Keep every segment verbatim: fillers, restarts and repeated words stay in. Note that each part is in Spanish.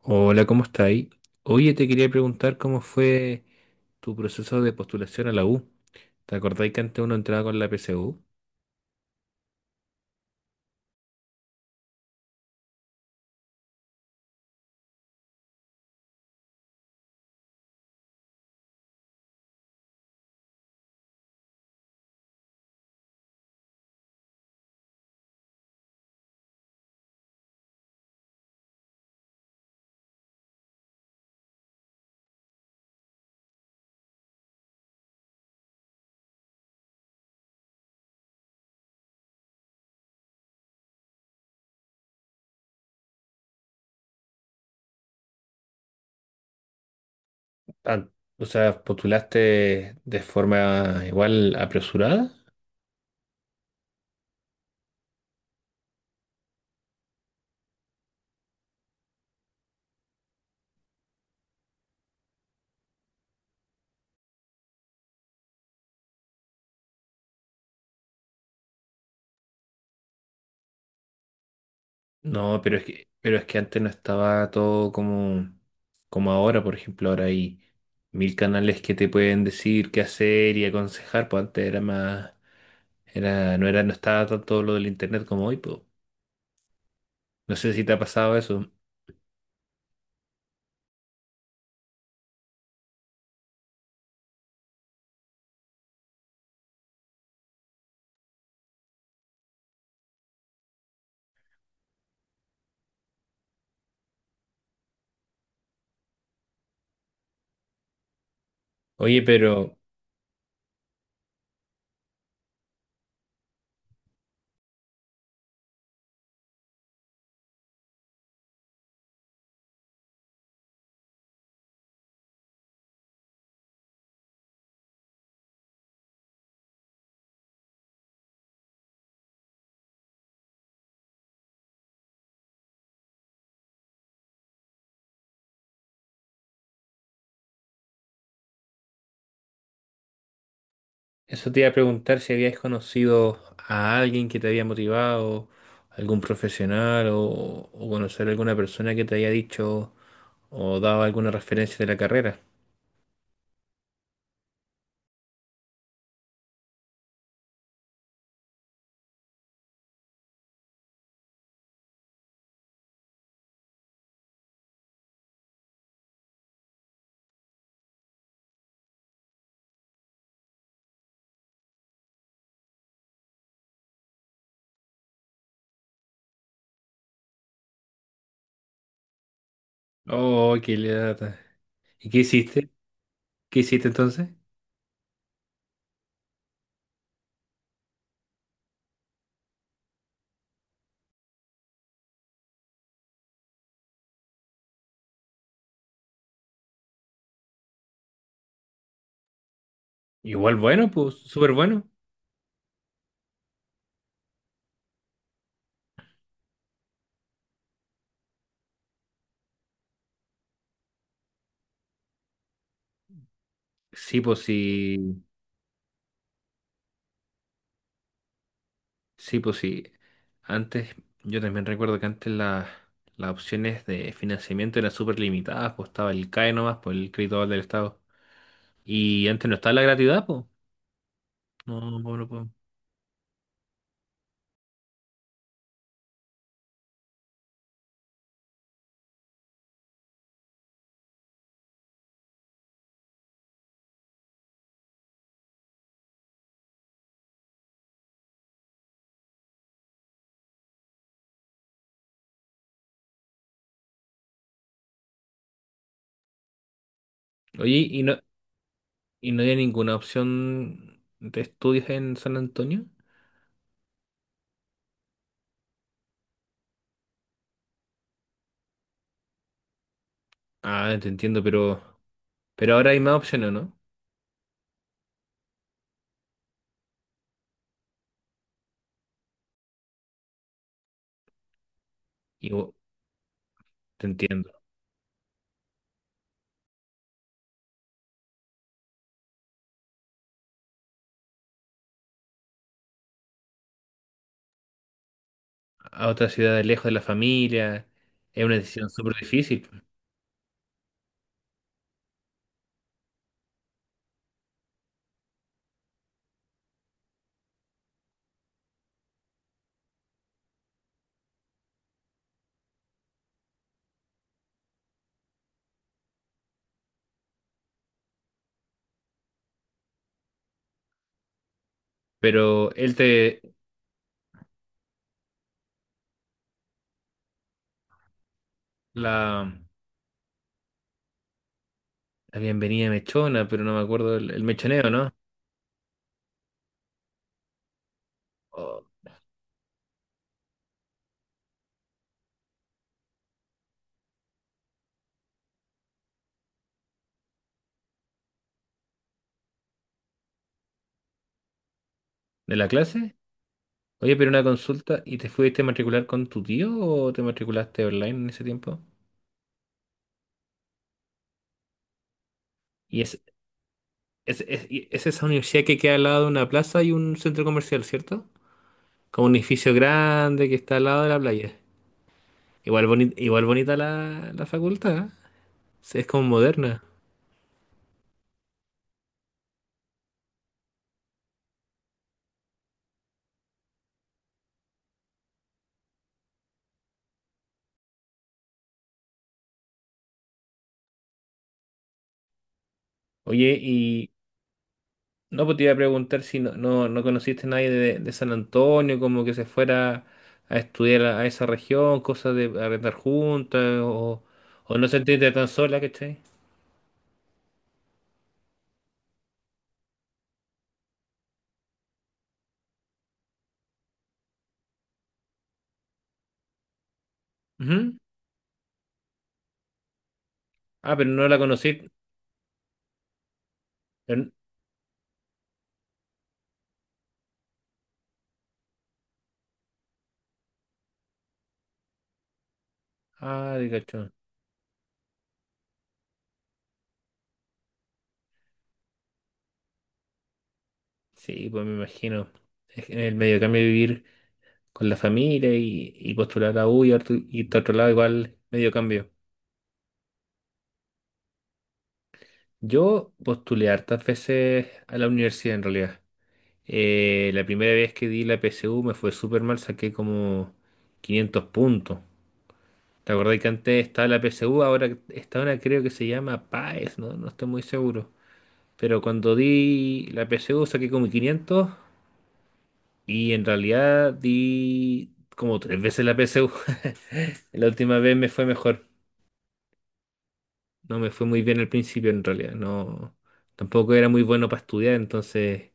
Hola, ¿cómo estáis? Oye, te quería preguntar cómo fue tu proceso de postulación a la U. ¿Te acordáis que antes uno entraba con la P S U? An- o sea, ¿Postulaste de forma igual apresurada? No, pero es que, pero es que antes no estaba todo como, como ahora, por ejemplo, ahora hay mil canales que te pueden decir qué hacer y aconsejar, pues antes era más, era, no era, no estaba tanto lo del internet como hoy, pues. No sé si te ha pasado eso. Oye, pero Eso te iba a preguntar, si habías conocido a alguien que te había motivado, algún profesional o, o conocer a alguna persona que te haya dicho o dado alguna referencia de la carrera. Oh, qué lata. ¿Y qué hiciste? ¿Qué hiciste entonces? Igual bueno, pues súper bueno. Sí, pues sí. Sí, pues sí. Antes, yo también recuerdo que antes la- las opciones de financiamiento eran súper limitadas, pues estaba el C A E nomás, pues el crédito Oval del Estado. Y antes no estaba la gratuidad, pues. No, no no no puedo. Oye, ¿y no, ¿y no había ninguna opción de estudios en San Antonio? Ah, te entiendo, pero, pero ahora hay más opciones, ¿no? Y bu- Te entiendo. A otra ciudad, de lejos de la familia, es una decisión súper difícil. Pero él te... La, la bienvenida mechona, pero no me acuerdo, el, el mechoneo, ¿no? O- ¿De la clase? Oye, pero una consulta, ¿y te fuiste a matricular con tu tío o te matriculaste online en ese tiempo? y es Es, es, y es esa universidad que queda al lado de una plaza y un centro comercial, ¿cierto? Como un edificio grande que está al lado de la playa. Igual, boni- igual bonita la, la facultad, ¿eh? Sí, es como moderna. Oye, y no, pues te iba a preguntar si no, no, no conociste a nadie de, de San Antonio, como que se fuera a estudiar a, a esa región, cosas de arrendar juntas, o, o no sentiste tan sola, ¿cachai? Ujú. Ah, pero no la conocí. pero- Ah, de cachón. Sí, pues me imagino. Es que en el medio cambio vivir con la familia y, y postular a U y a otro, y a otro lado, igual medio cambio. Yo postulé hartas veces a la universidad en realidad. Eh, la primera vez que di la P S U me fue súper mal, saqué como quinientos puntos. ¿Te acordás que antes estaba la P S U? Ahora está una, creo que se llama P A E S, ¿no? No estoy muy seguro. Pero cuando di la P S U saqué como quinientos. Y en realidad di como tres veces la P S U. La última vez me fue mejor. No me fue muy bien al principio en realidad. No, tampoco era muy bueno para estudiar, entonces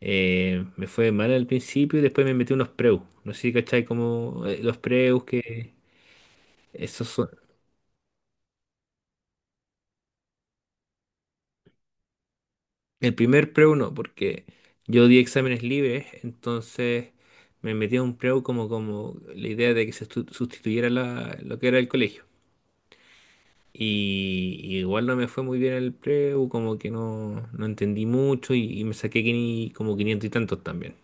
eh, me fue mal al principio y después me metí unos preus. No sé si cachai como eh, los preus que esos son. El primer preu no, porque yo di exámenes libres, entonces me metí a un preu como, como la idea de que se sustitu- sustituyera la- lo que era el colegio. Y, y igual no me fue muy bien el preu, como que no, no entendí mucho y, y me saqué quini- como quinientos y tantos también.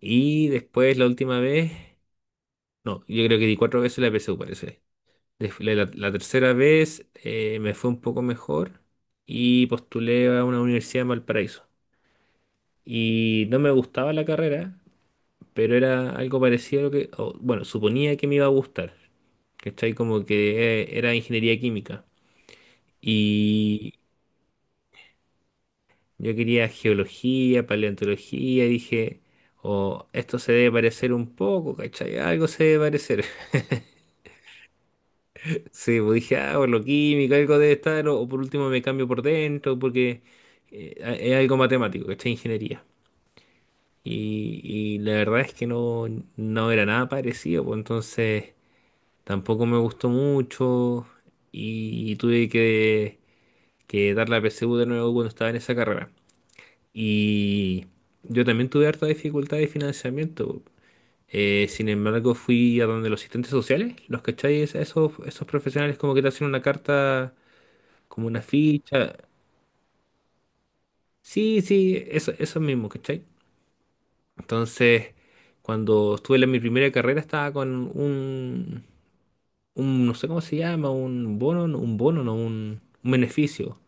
Y después la última vez, no, yo creo que di cuatro veces la P S U, parece. Des- La, la- la tercera vez, eh, me fue un poco mejor y postulé a una universidad en Valparaíso. Y no me gustaba la carrera, pero era algo parecido a lo que, o, bueno, suponía que me iba a gustar, ¿cachai? Como que eh, era ingeniería química. Yo quería geología, paleontología, dije, o esto se debe parecer un poco, ¿cachai? Algo se debe parecer. Sí, pues dije, ah, por lo químico, algo debe estar, o, o por último me cambio por dentro, porque eh, a- es algo matemático, ¿cachai? Ingeniería. Y, y la verdad es que no, no era nada parecido, pues entonces tampoco me gustó mucho y tuve que, que dar la P S U de nuevo cuando estaba en esa carrera. Y yo también tuve harta dificultad de financiamiento. Eh, sin embargo, fui a donde los asistentes sociales, los cacháis, esos, esos profesionales como que te hacen una carta, como una ficha. Sí, sí, eso, eso mismo, ¿cachai? Entonces, cuando estuve en mi primera carrera, estaba con un, un, no sé cómo se llama, un bono, no, un bono, no, un, un beneficio.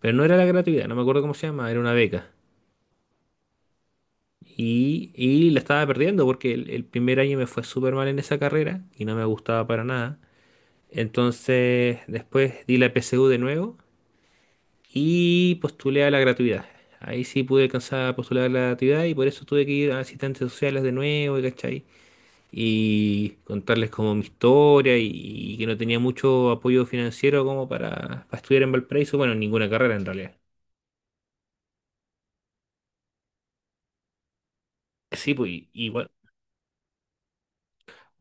Pero no era la gratuidad, no me acuerdo cómo se llama, era una beca. Y, y la estaba perdiendo porque el, el primer año me fue súper mal en esa carrera y no me gustaba para nada. Entonces después di la P S U de nuevo y postulé a la gratuidad. Ahí sí pude alcanzar a postular a la gratuidad y por eso tuve que ir a asistentes sociales de nuevo, y ¿cachai? Y contarles como mi historia, y, y que no tenía mucho apoyo financiero como para, para estudiar en Valparaíso. Bueno, ninguna carrera en realidad. Sí, pues igual.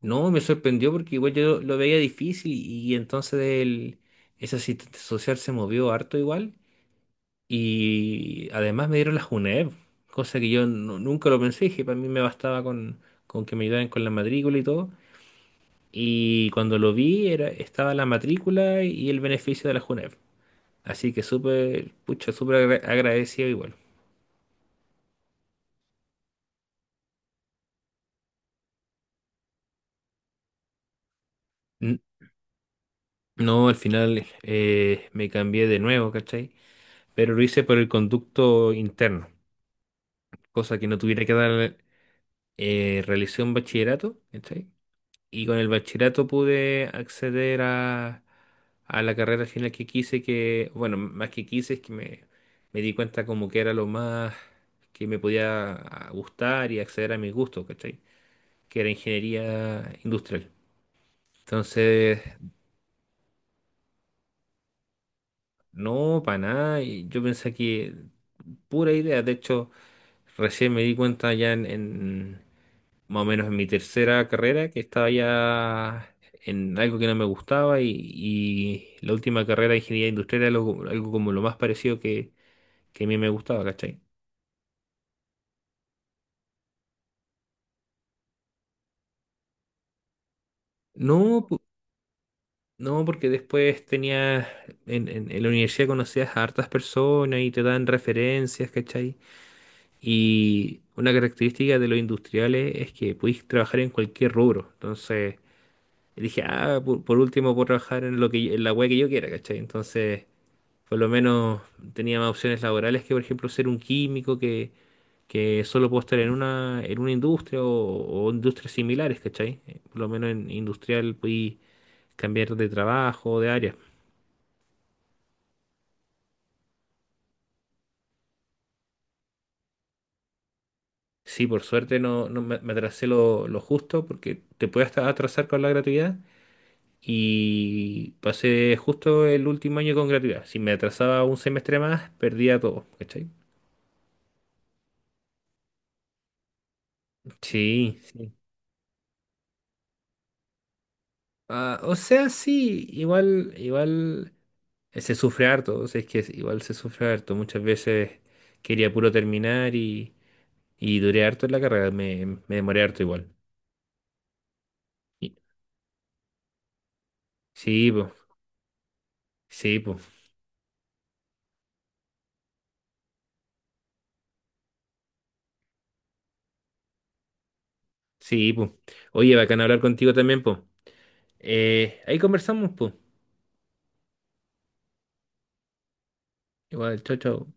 No, me sorprendió porque igual yo lo veía difícil, y entonces el, ese asistente social se movió harto igual, y además me dieron la J U N E V, cosa que yo nu- nunca lo pensé, que para mí me bastaba con, con que me ayudaran con la matrícula y todo. Y cuando lo vi era, estaba la matrícula y el beneficio de la J U N E V. Así que súper, pucha, súper agra- agradecido igual. N- No, al final eh, me cambié de nuevo, ¿cachai? Pero lo hice por el conducto interno, cosa que no tuviera que dar. Eh, realicé un bachillerato, ¿cachai? Y con el bachillerato pude acceder a, a la carrera final que quise, que, bueno, más que quise, es que me, me di cuenta como que era lo más que me podía ah, gustar, y acceder a mis gustos, ¿cachai? Que era ingeniería industrial. Entonces, no, para nada, y yo pensé que pura idea, de hecho, recién me di cuenta ya en, en- más o menos en mi tercera carrera, que estaba ya en algo que no me gustaba, y, y la última carrera de ingeniería industrial era algo, algo como lo más parecido que, que a mí me gustaba, ¿cachai? No, po- no, porque después tenía, en, en, en la universidad conocías a hartas personas y te dan referencias, ¿cachai? Y una característica de los industriales es que podéis trabajar en cualquier rubro, entonces... Dije, ah, por, por último puedo trabajar en lo que yo- en la web que yo quiera, ¿cachai? Entonces, por lo menos tenía más opciones laborales que, por ejemplo, ser un químico que, que solo puedo estar en una, en una industria o, o industrias similares, ¿cachai? Eh, Por lo menos en industrial podí cambiar de trabajo, o de área. Sí, por suerte no, no me, me atrasé lo, lo justo, porque te puedes hasta atrasar con la gratuidad, y pasé justo el último año con gratuidad. Si me atrasaba un semestre más, perdía todo, ¿cachai? Sí, sí. Ah, o sea, sí, igual, igual. eh, Se sufre harto, o sea, es que igual se sufre harto. Muchas veces quería puro terminar, y, y duré harto en la carrera, me, me demoré harto igual. Y- Sí, po, sí, po, sí, po. Oye, bacán hablar contigo también, po. Eh, ahí conversamos, po. Igual, chao, chao.